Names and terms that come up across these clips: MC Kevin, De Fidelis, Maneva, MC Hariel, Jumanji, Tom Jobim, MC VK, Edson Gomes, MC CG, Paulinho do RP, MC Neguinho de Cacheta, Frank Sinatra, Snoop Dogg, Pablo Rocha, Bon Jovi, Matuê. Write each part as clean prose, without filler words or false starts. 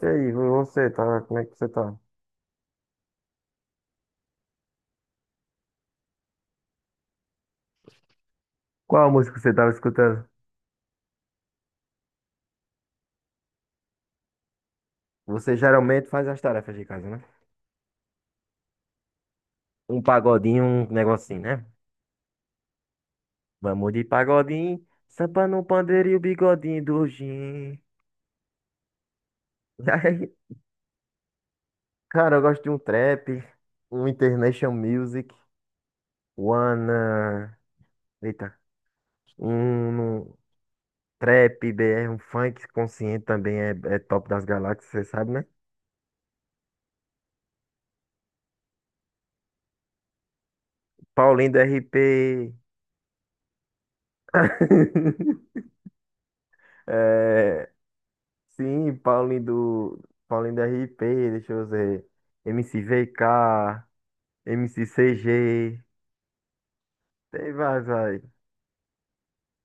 E aí, você tá? Como é que você tá? Qual música você estava escutando? Você geralmente faz as tarefas de casa, né? Um pagodinho, um negocinho, né? Vamos de pagodinho, sampa no pandeiro e o bigodinho do Jim. E aí, cara, eu gosto de um trap, um international music, one, eita, um trap, BR, um funk consciente também é top das galáxias, você sabe, né? Paulinho do RP. É, sim, Paulinho do. Paulinho do RP, deixa eu ver. MC VK, MC CG. Tem vários aí.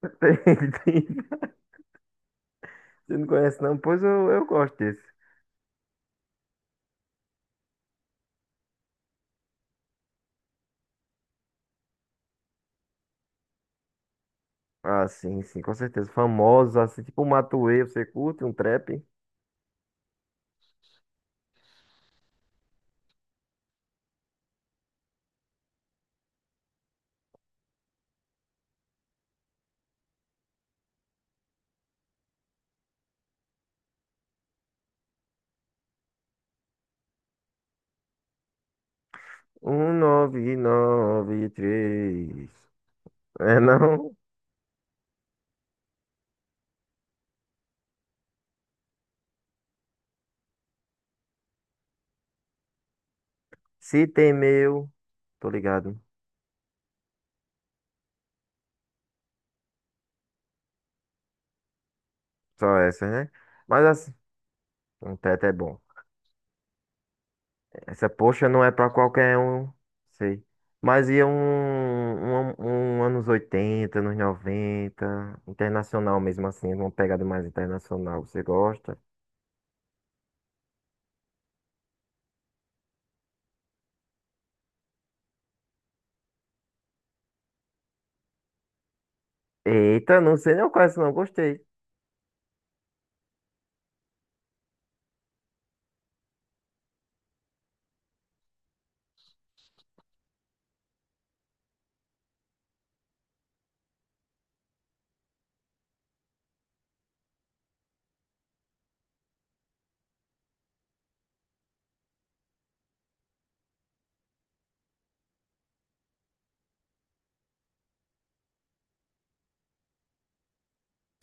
Tem, tem. Você não conhece não? Pois eu gosto desse. Ah, sim, sim, com certeza. Famosos, assim, tipo o Matuê, você curte um trap? Um nove nove três. É não? Se tem meu. Tô ligado. Só essa, né? Mas assim, um teto é bom. Essa poxa não é pra qualquer um, sei. Mas ia um anos 80 anos 90 internacional mesmo assim, uma pegada mais internacional, você gosta? Eita, não sei, não conheço, não, gostei.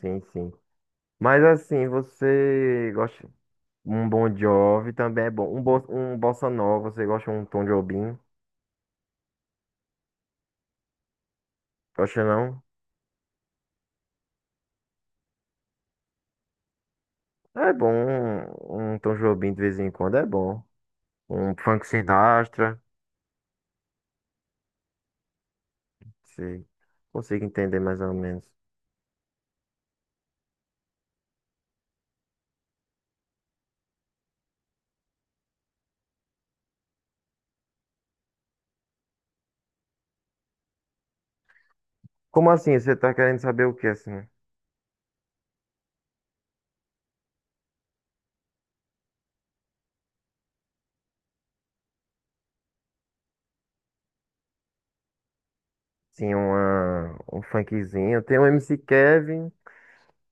Sim, sim. Mas assim, você gosta um Bon Jovi também é bom. Um, bo, um Bossa Nova, você gosta um Tom Jobim? Gosta não? É bom, um Tom Jobim de vez em quando é bom. Um Frank Sinatra, se consigo entender mais ou menos. Como assim? Você tá querendo saber o que, assim? Sim, uma, um funkzinho. Tem o MC Kevin,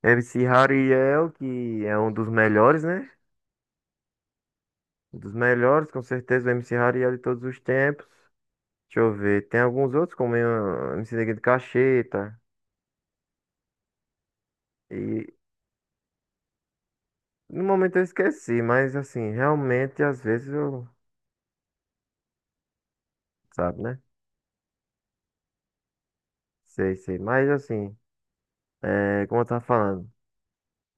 MC Hariel, que é um dos melhores, né? Um dos melhores, com certeza, o MC Hariel de todos os tempos. Deixa eu ver. Tem alguns outros, como o MC Neguinho de Cacheta. E no momento eu esqueci, mas assim, realmente, às vezes eu. Sabe, né? Sei, sei. Mas assim, é, como eu tava falando.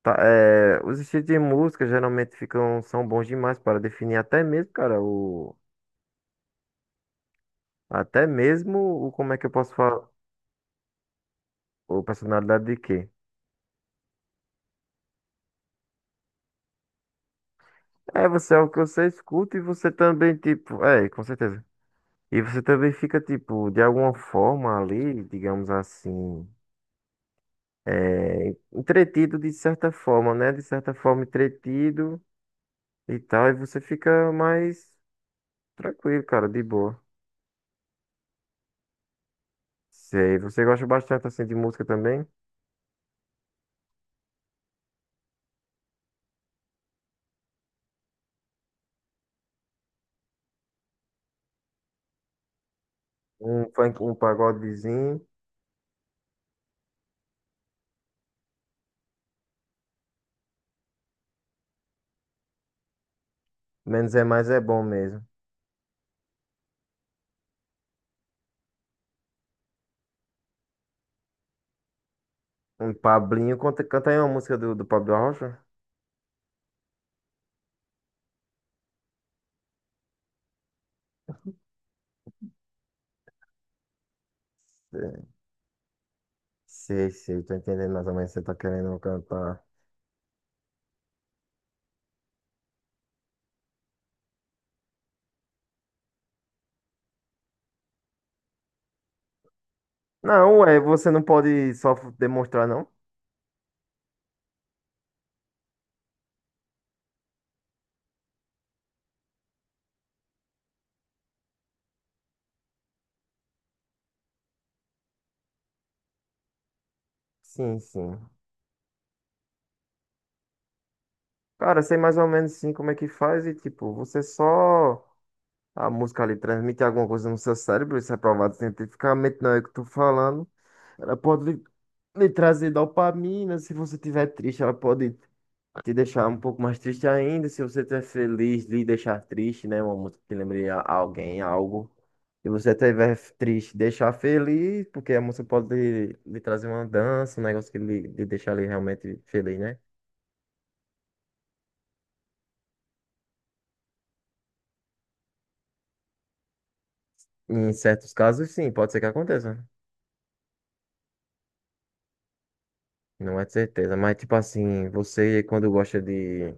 Tá, é, os estilos de música geralmente ficam, são bons demais para definir até mesmo, cara, o, até mesmo o como é que eu posso falar, o personalidade de quê? É, você é o que você escuta e você também, tipo, é, com certeza. E você também fica, tipo, de alguma forma ali, digamos assim, é, entretido de certa forma, né? De certa forma entretido e tal, e você fica mais tranquilo, cara, de boa. Sei, você gosta bastante, assim, de música também? Um funk, um pagodezinho. Menos é mais é bom mesmo. Um Pablinho. Canta, canta aí uma música do Pablo Rocha. É, sei, sei, tô entendendo mais ou menos o que você tá querendo cantar. Não, ué, você não pode só f- demonstrar, não? Sim, sim. Cara, sei mais ou menos sim como é que faz e, tipo, você só. A música ali transmite alguma coisa no seu cérebro, isso é provado cientificamente, não é o que eu tô falando. Ela pode lhe trazer dopamina, se você tiver triste, ela pode te deixar um pouco mais triste ainda. Se você estiver feliz, lhe deixar triste, né? Uma música que lembre a- alguém, algo. Se você estiver triste, deixar feliz, porque a música pode lhe trazer uma dança, um negócio que lhe deixar ali realmente feliz, né? Em certos casos, sim, pode ser que aconteça. Não é de certeza, mas tipo assim, você quando gosta de.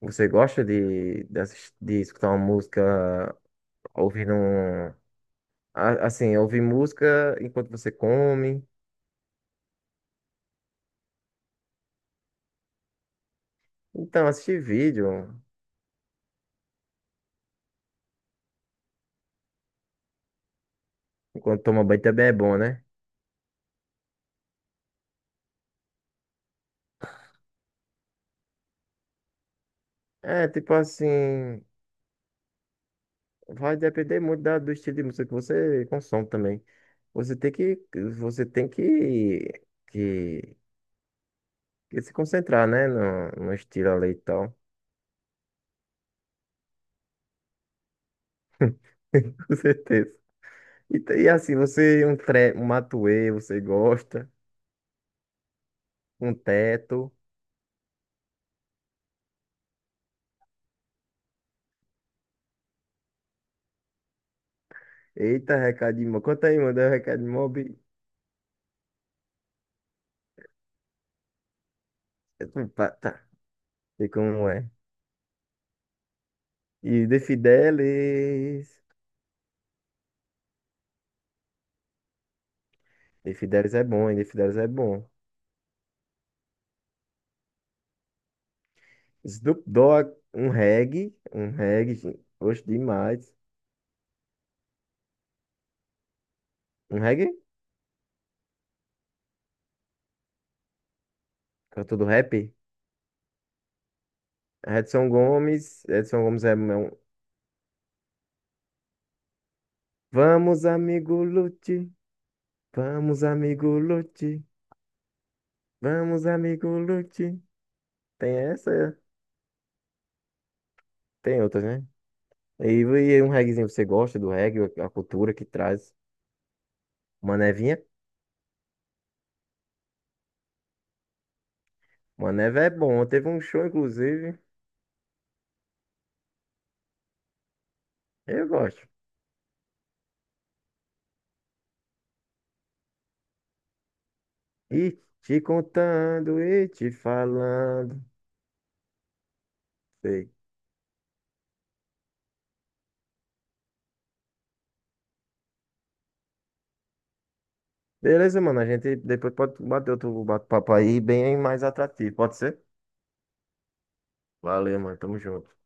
Você gosta assis- de escutar uma música ouvindo um. A- Assim, ouvir música enquanto você come. Então, assistir vídeo. Enquanto toma banho também é bom, né? É, tipo assim, vai depender muito da- do estilo de música que você consome também. Você tem você tem que, que, que se concentrar, né? no estilo ali e tal. Com certeza. E, t- e assim, você, um, tre, um matuê, você gosta, um teto. Eita, recado de mob. Conta aí, manda um recado de mob. Tá, tá. Sei como é. E De Fidelis. De Fidelis é bom, hein? De Fidelis é bom. Snoop Dogg, um reggae, gen- oxe, demais. Um reggae? Cantor do rap? Edson Gomes, Edson Gomes é meu. Vamos, amigo Lute, vamos, amigo Lute, vamos, amigo Lute. Tem essa, tem outras, né? E um reggaezinho, você gosta do reggae, a cultura que traz? Manevinha? Maneva é bom, teve um show, inclusive, eu gosto. E te contando e te falando. Sei. Beleza, mano. A gente depois pode bater outro bate-papo aí bem mais atrativo. Pode ser? Valeu, mano. Tamo junto.